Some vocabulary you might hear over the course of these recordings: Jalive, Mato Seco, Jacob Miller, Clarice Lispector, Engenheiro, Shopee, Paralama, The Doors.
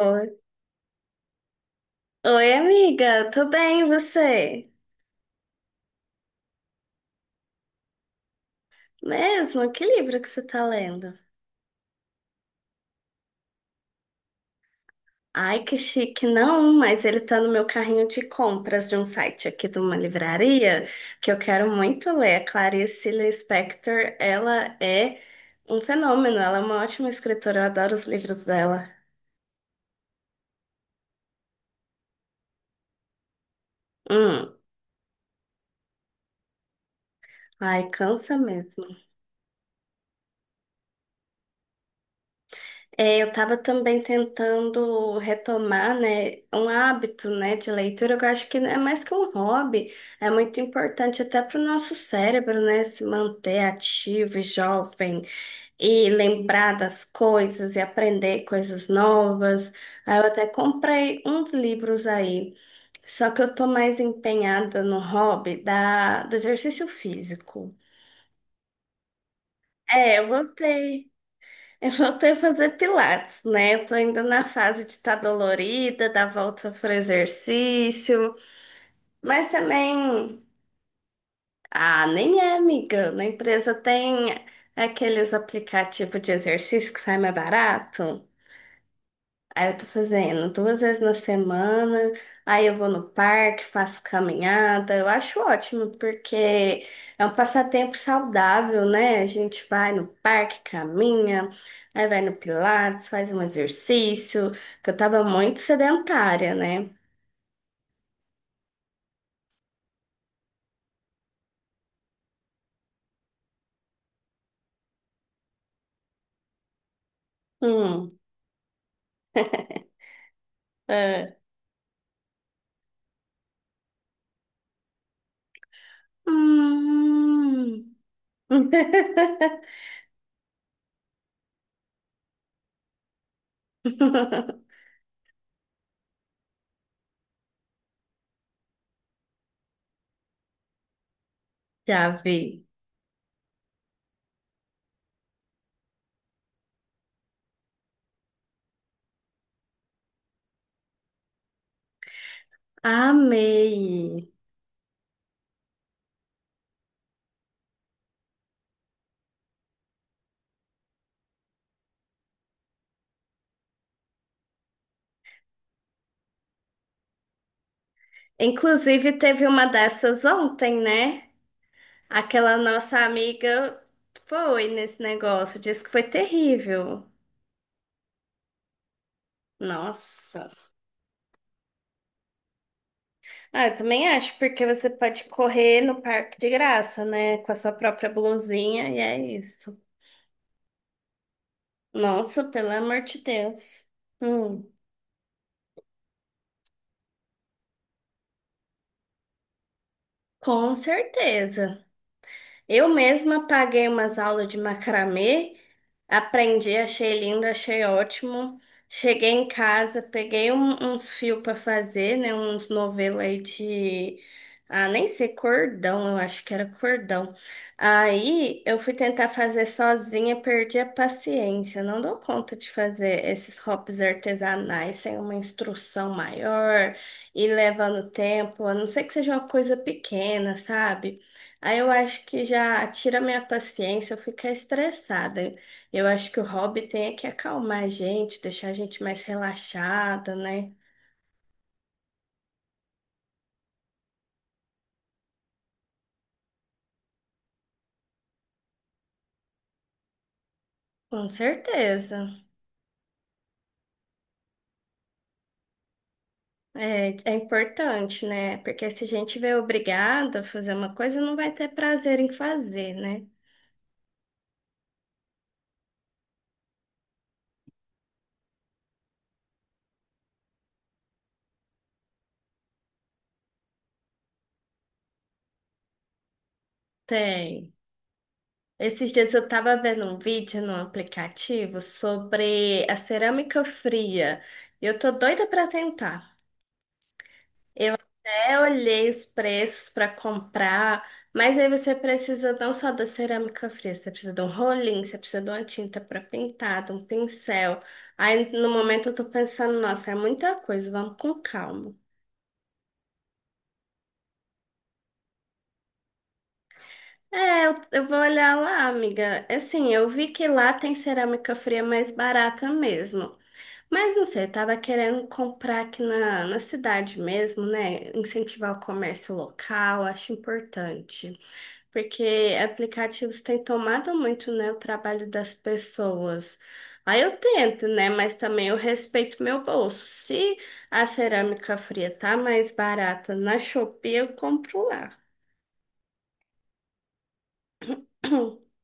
Oi, Oi, amiga, tô bem, e você? Mesmo? Que livro que você tá lendo? Ai, que chique, não, mas ele tá no meu carrinho de compras de um site aqui de uma livraria que eu quero muito ler. A Clarice Lispector, ela é um fenômeno, ela é uma ótima escritora, eu adoro os livros dela. Hum, ai, cansa mesmo. É, eu estava também tentando retomar, né, um hábito, né, de leitura, que eu acho que é mais que um hobby, é muito importante até para o nosso cérebro, né, se manter ativo e jovem e lembrar das coisas e aprender coisas novas. Aí eu até comprei uns livros aí, só que eu tô mais empenhada no hobby da, do exercício físico. É, eu voltei. Eu voltei a fazer pilates, né? Eu tô ainda na fase de estar dolorida, dar volta pro exercício, mas também, ah, nem é, amiga. Na empresa tem aqueles aplicativos de exercício que sai mais barato. Aí eu tô fazendo duas vezes na semana, aí eu vou no parque, faço caminhada. Eu acho ótimo, porque é um passatempo saudável, né? A gente vai no parque, caminha, aí vai no Pilates, faz um exercício, que eu tava muito sedentária, né? Hum. É. Hum. Já vi. Amei. Inclusive, teve uma dessas ontem, né? Aquela nossa amiga foi nesse negócio, disse que foi terrível. Nossa. Ah, eu também acho, porque você pode correr no parque de graça, né? Com a sua própria blusinha, e é isso. Nossa, pelo amor de Deus. Hum, com certeza. Eu mesma paguei umas aulas de macramê, aprendi, achei lindo, achei ótimo. Cheguei em casa, peguei uns fios para fazer, né? Uns novelos aí de. Ah, nem sei, cordão, eu acho que era cordão. Aí eu fui tentar fazer sozinha, perdi a paciência. Não dou conta de fazer esses hops artesanais sem uma instrução maior e levando tempo, a não ser que seja uma coisa pequena, sabe? Aí eu acho que já tira minha paciência, eu ficar estressada. Eu acho que o hobby tem é que acalmar a gente, deixar a gente mais relaxada, né? Com certeza. É, é importante, né? Porque se a gente vê obrigada a fazer uma coisa, não vai ter prazer em fazer, né? Tem. Esses dias eu tava vendo um vídeo no aplicativo sobre a cerâmica fria. E eu tô doida pra tentar. Eu até olhei os preços para comprar, mas aí você precisa não só da cerâmica fria, você precisa de um rolinho, você precisa de uma tinta para pintar, de um pincel. Aí no momento eu tô pensando, nossa, é muita coisa, vamos com calma. É, eu vou olhar lá, amiga. Assim, eu vi que lá tem cerâmica fria mais barata mesmo. Mas não sei, eu tava querendo comprar aqui na cidade mesmo, né? Incentivar o comércio local, acho importante. Porque aplicativos têm tomado muito, né, o trabalho das pessoas. Aí eu tento, né, mas também eu respeito meu bolso. Se a cerâmica fria tá mais barata na Shopee, eu compro lá.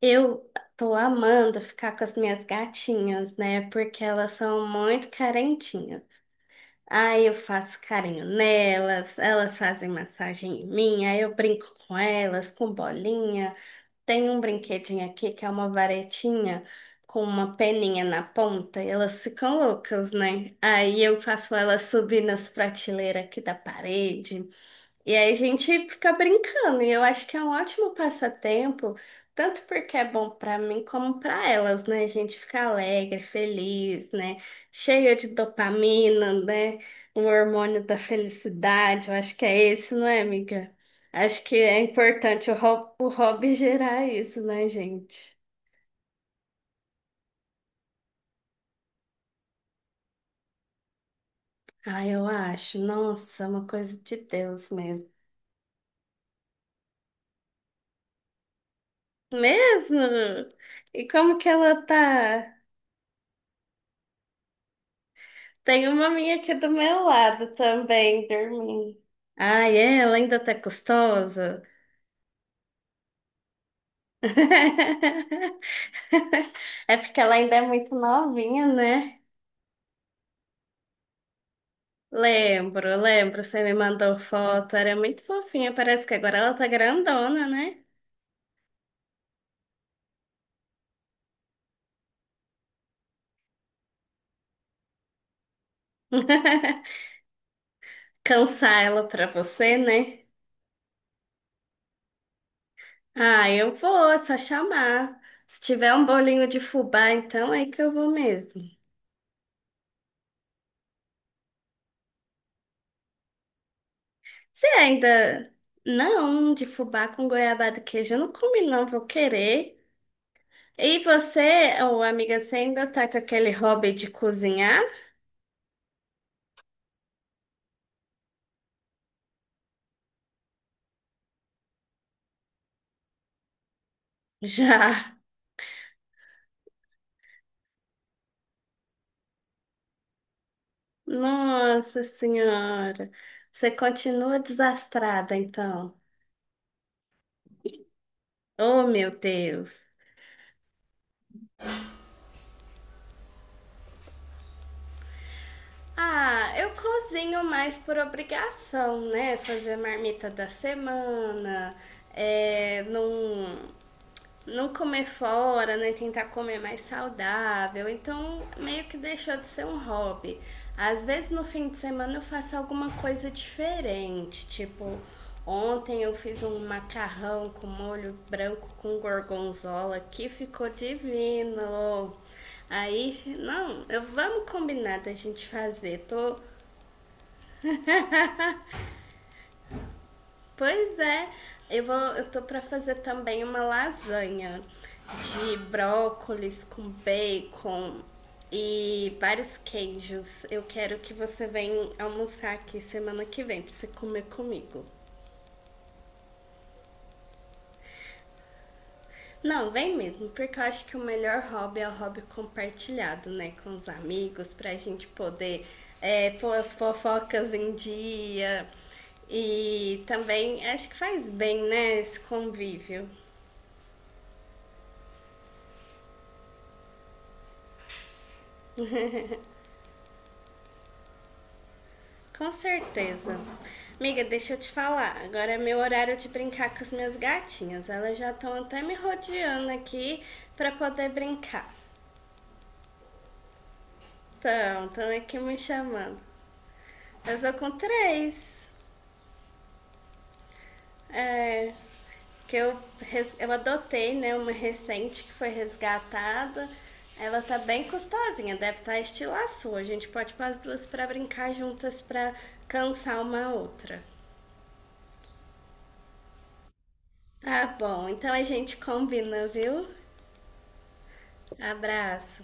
Eu tô amando ficar com as minhas gatinhas, né, porque elas são muito carentinhas. Aí eu faço carinho nelas, elas fazem massagem em mim, aí eu brinco com elas, com bolinha. Tem um brinquedinho aqui que é uma varetinha com uma peninha na ponta e elas ficam loucas, né? Aí eu faço elas subir nas prateleiras aqui da parede. E aí a gente fica brincando, e eu acho que é um ótimo passatempo, tanto porque é bom para mim como para elas, né? A gente fica alegre, feliz, né? Cheio de dopamina, né? O hormônio da felicidade, eu acho que é esse, não é, amiga? Acho que é importante o hobby gerar isso, né, gente? Ah, eu acho. Nossa, é uma coisa de Deus mesmo. Mesmo? E como que ela tá? Tem uma minha aqui do meu lado também, dormindo. Ai, é? Ela ainda tá gostosa? É porque ela ainda é muito novinha, né? Lembro, lembro, você me mandou foto, era muito fofinha, parece que agora ela tá grandona, né? Cansar ela pra você, né? Ah, eu vou, é só chamar. Se tiver um bolinho de fubá, então é que eu vou mesmo. Você ainda. Não, de fubá com goiabada e queijo, eu não comi, não, vou querer. E você, ô amiga, você ainda tá com aquele hobby de cozinhar? Já. Nossa Senhora. Você continua desastrada, então. Oh, meu Deus. Ah, eu cozinho mais por obrigação, né? Fazer marmita da semana, é, não, não comer fora, né? Tentar comer mais saudável. Então, meio que deixou de ser um hobby. Às vezes no fim de semana eu faço alguma coisa diferente, tipo, ontem eu fiz um macarrão com molho branco com gorgonzola que ficou divino. Aí, não, eu, vamos combinar da gente fazer. Tô Pois é, eu vou, eu tô pra fazer também uma lasanha de brócolis com bacon e vários queijos. Eu quero que você venha almoçar aqui semana que vem pra você comer comigo. Não, vem mesmo, porque eu acho que o melhor hobby é o hobby compartilhado, né, com os amigos, pra gente poder é, pôr as fofocas em dia. E também acho que faz bem, né, esse convívio. Com certeza. Amiga, deixa eu te falar. Agora é meu horário de brincar com as minhas gatinhas. Elas já estão até me rodeando aqui para poder brincar. Então, estão aqui me chamando. Eu tô com três. É, que eu, res- eu adotei, né? Uma recente que foi resgatada. Ela tá bem custosinha, deve estar estilo a sua. A gente pode pôr as duas para brincar juntas para cansar uma a outra. Tá bom, então a gente combina, viu? Abraço.